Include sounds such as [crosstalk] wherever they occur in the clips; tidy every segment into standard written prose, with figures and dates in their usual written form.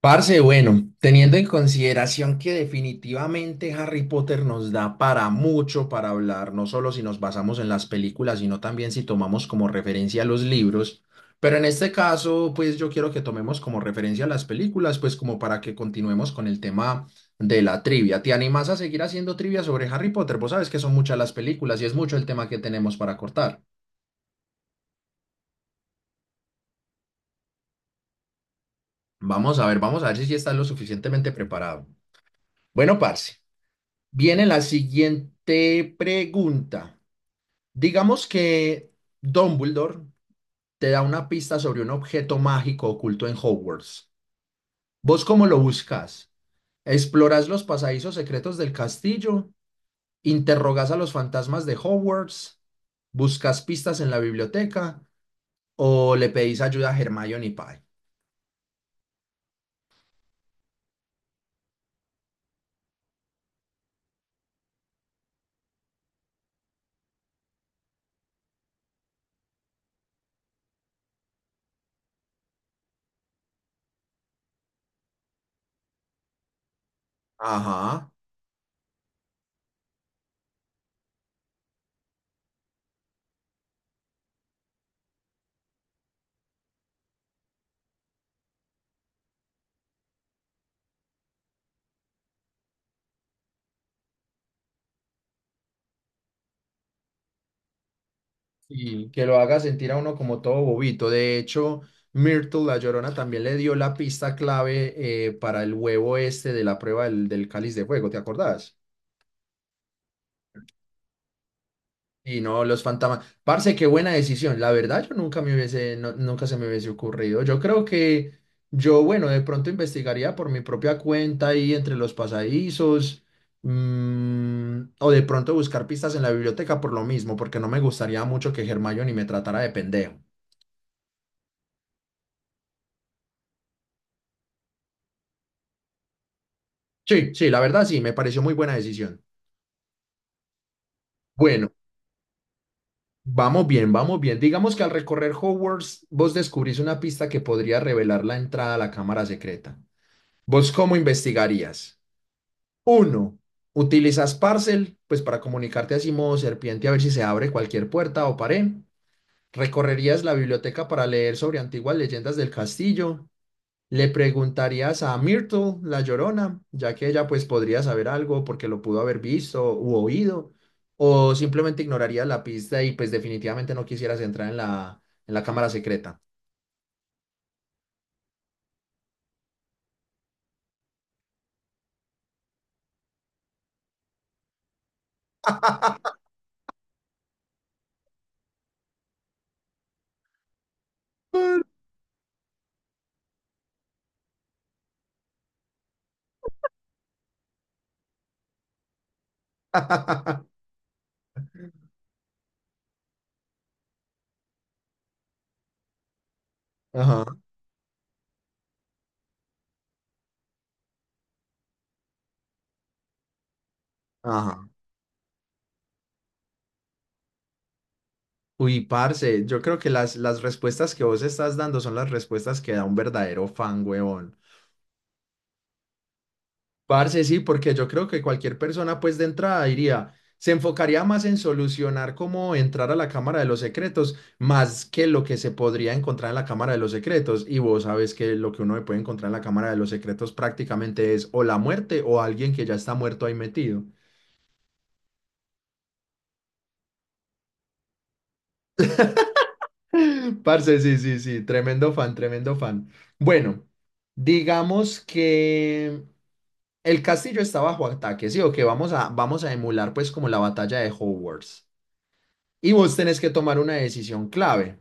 Parce, bueno, teniendo en consideración que definitivamente Harry Potter nos da para mucho para hablar, no solo si nos basamos en las películas, sino también si tomamos como referencia los libros, pero en este caso, pues yo quiero que tomemos como referencia las películas, pues como para que continuemos con el tema de la trivia. ¿Te animas a seguir haciendo trivia sobre Harry Potter? Vos sabes que son muchas las películas y es mucho el tema que tenemos para cortar. Vamos a ver si sí estás lo suficientemente preparado. Bueno, parce. Viene la siguiente pregunta. Digamos que Dumbledore te da una pista sobre un objeto mágico oculto en Hogwarts. ¿Vos cómo lo buscas? ¿Exploras los pasadizos secretos del castillo? ¿Interrogas a los fantasmas de Hogwarts? ¿Buscas pistas en la biblioteca? ¿O le pedís ayuda a Hermione y Pai? Ajá. Y que lo haga sentir a uno como todo bobito. De hecho, Myrtle La Llorona también le dio la pista clave para el huevo este de la prueba del, del cáliz de fuego, ¿te acordás? Y no los fantasmas. Parce, qué buena decisión. La verdad, yo nunca me hubiese, nunca se me hubiese ocurrido. Yo creo que yo, bueno, de pronto investigaría por mi propia cuenta ahí entre los pasadizos. O de pronto buscar pistas en la biblioteca por lo mismo, porque no me gustaría mucho que Hermione me tratara de pendejo. Sí, sí, la verdad sí, me pareció muy buena decisión. Bueno, vamos bien, vamos bien. Digamos que al recorrer Hogwarts, vos descubrís una pista que podría revelar la entrada a la cámara secreta. ¿Vos cómo investigarías? Uno, utilizas Parcel, pues para comunicarte así modo serpiente a ver si se abre cualquier puerta o pared. Recorrerías la biblioteca para leer sobre antiguas leyendas del castillo. Le preguntarías a Myrtle, la Llorona, ya que ella pues podría saber algo porque lo pudo haber visto u oído, o simplemente ignorarías la pista y pues definitivamente no quisieras entrar en la cámara secreta. [laughs] Ajá, ajá. Uy, parce, yo creo que las respuestas que vos estás dando son las respuestas que da un verdadero fan, huevón. Parce, sí, porque yo creo que cualquier persona, pues de entrada diría, se enfocaría más en solucionar cómo entrar a la Cámara de los Secretos, más que lo que se podría encontrar en la Cámara de los Secretos. Y vos sabes que lo que uno se puede encontrar en la Cámara de los Secretos prácticamente es o la muerte o alguien que ya está muerto ahí metido. [laughs] Parce, sí, sí, sí, tremendo fan, tremendo fan. Bueno, digamos que el castillo está bajo ataque, sí, o que vamos a, vamos a emular pues como la batalla de Hogwarts. Y vos tenés que tomar una decisión clave.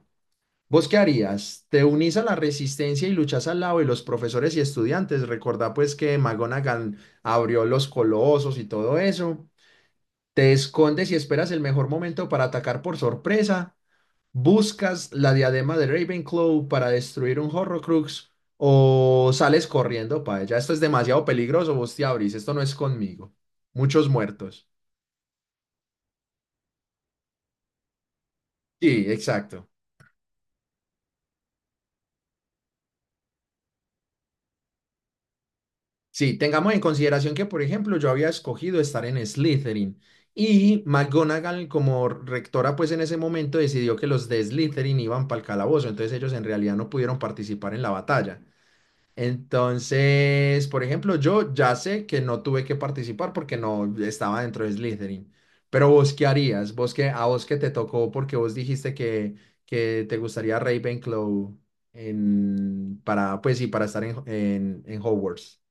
¿Vos qué harías? ¿Te unís a la resistencia y luchás al lado de los profesores y estudiantes? Recordá pues que McGonagall abrió los colosos y todo eso. ¿Te escondes y esperas el mejor momento para atacar por sorpresa? ¿Buscas la diadema de Ravenclaw para destruir un Horrocrux? ¿O sales corriendo para ella? Esto es demasiado peligroso, vos te abrís, esto no es conmigo. Muchos muertos. Sí, exacto. Sí, tengamos en consideración que, por ejemplo, yo había escogido estar en Slytherin y McGonagall como rectora, pues en ese momento decidió que los de Slytherin iban para el calabozo, entonces ellos en realidad no pudieron participar en la batalla. Entonces, por ejemplo, yo ya sé que no tuve que participar porque no estaba dentro de Slytherin. Pero vos, ¿qué harías? ¿Vos qué, a vos que te tocó porque vos dijiste que te gustaría Ravenclaw pues sí, para estar en, en Hogwarts?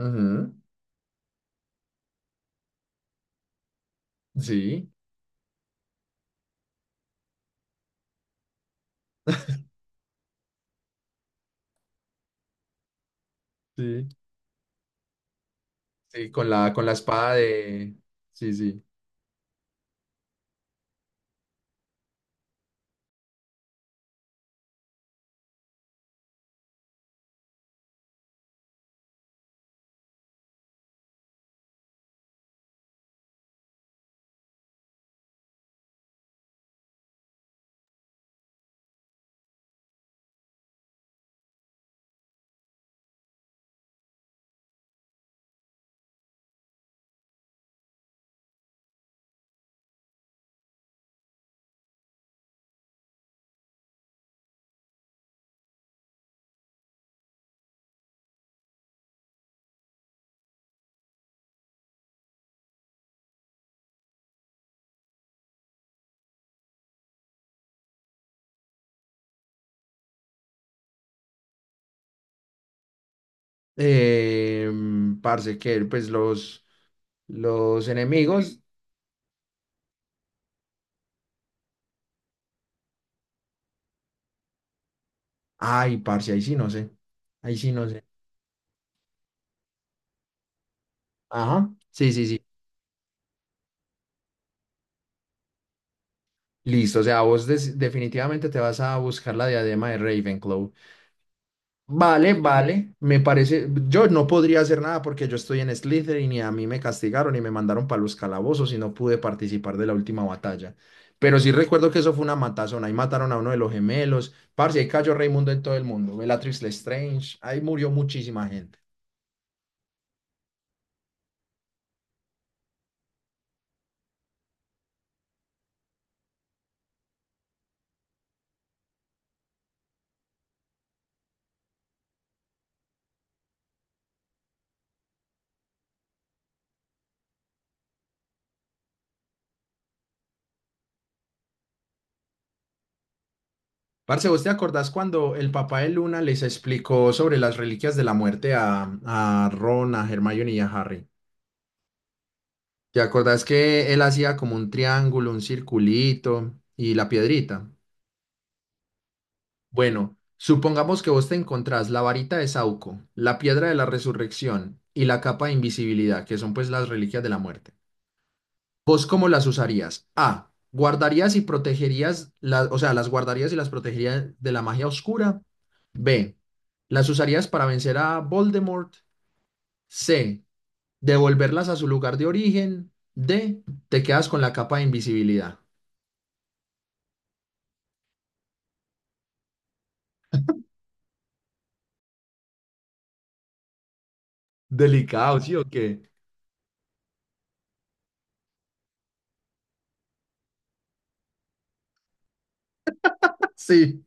Ujú. Sí, [laughs] sí, sí, con la espada de... Sí, sí. Eh, parce, que pues los enemigos... Ay, parce, ahí sí no sé. Ahí sí no sé. Ajá, sí, sí, sí. Listo, o sea, vos definitivamente te vas a buscar la diadema de Ravenclaw. Vale, vale, me parece, yo no podría hacer nada porque yo estoy en Slytherin y a mí me castigaron y me mandaron para los calabozos y no pude participar de la última batalla. Pero sí recuerdo que eso fue una matazón, ahí mataron a uno de los gemelos, parce, ahí cayó Raimundo en todo el mundo, Bellatrix Lestrange, ahí murió muchísima gente. Parce, ¿vos te acordás cuando el papá de Luna les explicó sobre las reliquias de la muerte a Ron, a Hermione y a Harry? ¿Te acordás que él hacía como un triángulo, un circulito y la piedrita? Bueno, supongamos que vos te encontrás la varita de Sauco, la piedra de la resurrección y la capa de invisibilidad, que son pues las reliquias de la muerte. ¿Vos cómo las usarías? A. Guardarías y protegerías, o sea, las guardarías y las protegerías de la magia oscura. B. Las usarías para vencer a Voldemort. C. Devolverlas a su lugar de origen. D. Te quedas con la capa de invisibilidad. Delicado, ¿sí o qué? [laughs] Sí,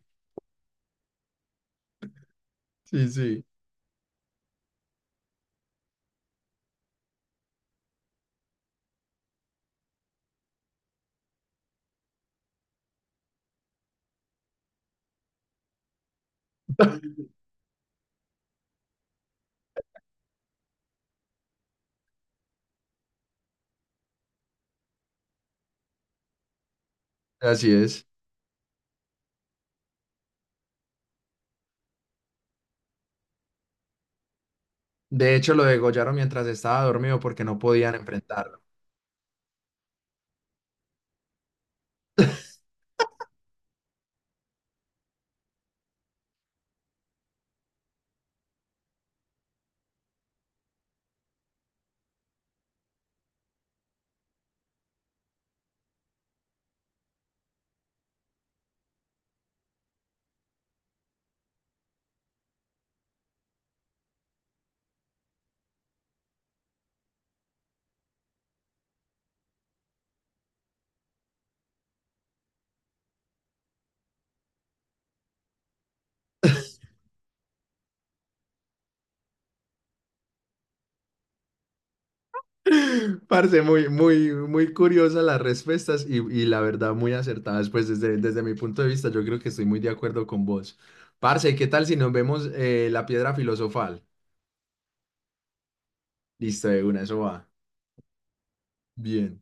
sí, sí. Así es. De hecho, lo degollaron mientras estaba dormido porque no podían enfrentarlo. [laughs] Parce, muy, muy, muy curiosas las respuestas y la verdad muy acertadas. Pues desde, desde mi punto de vista, yo creo que estoy muy de acuerdo con vos. Parce, ¿qué tal si nos vemos la piedra filosofal? Listo, de una, eso va. Bien.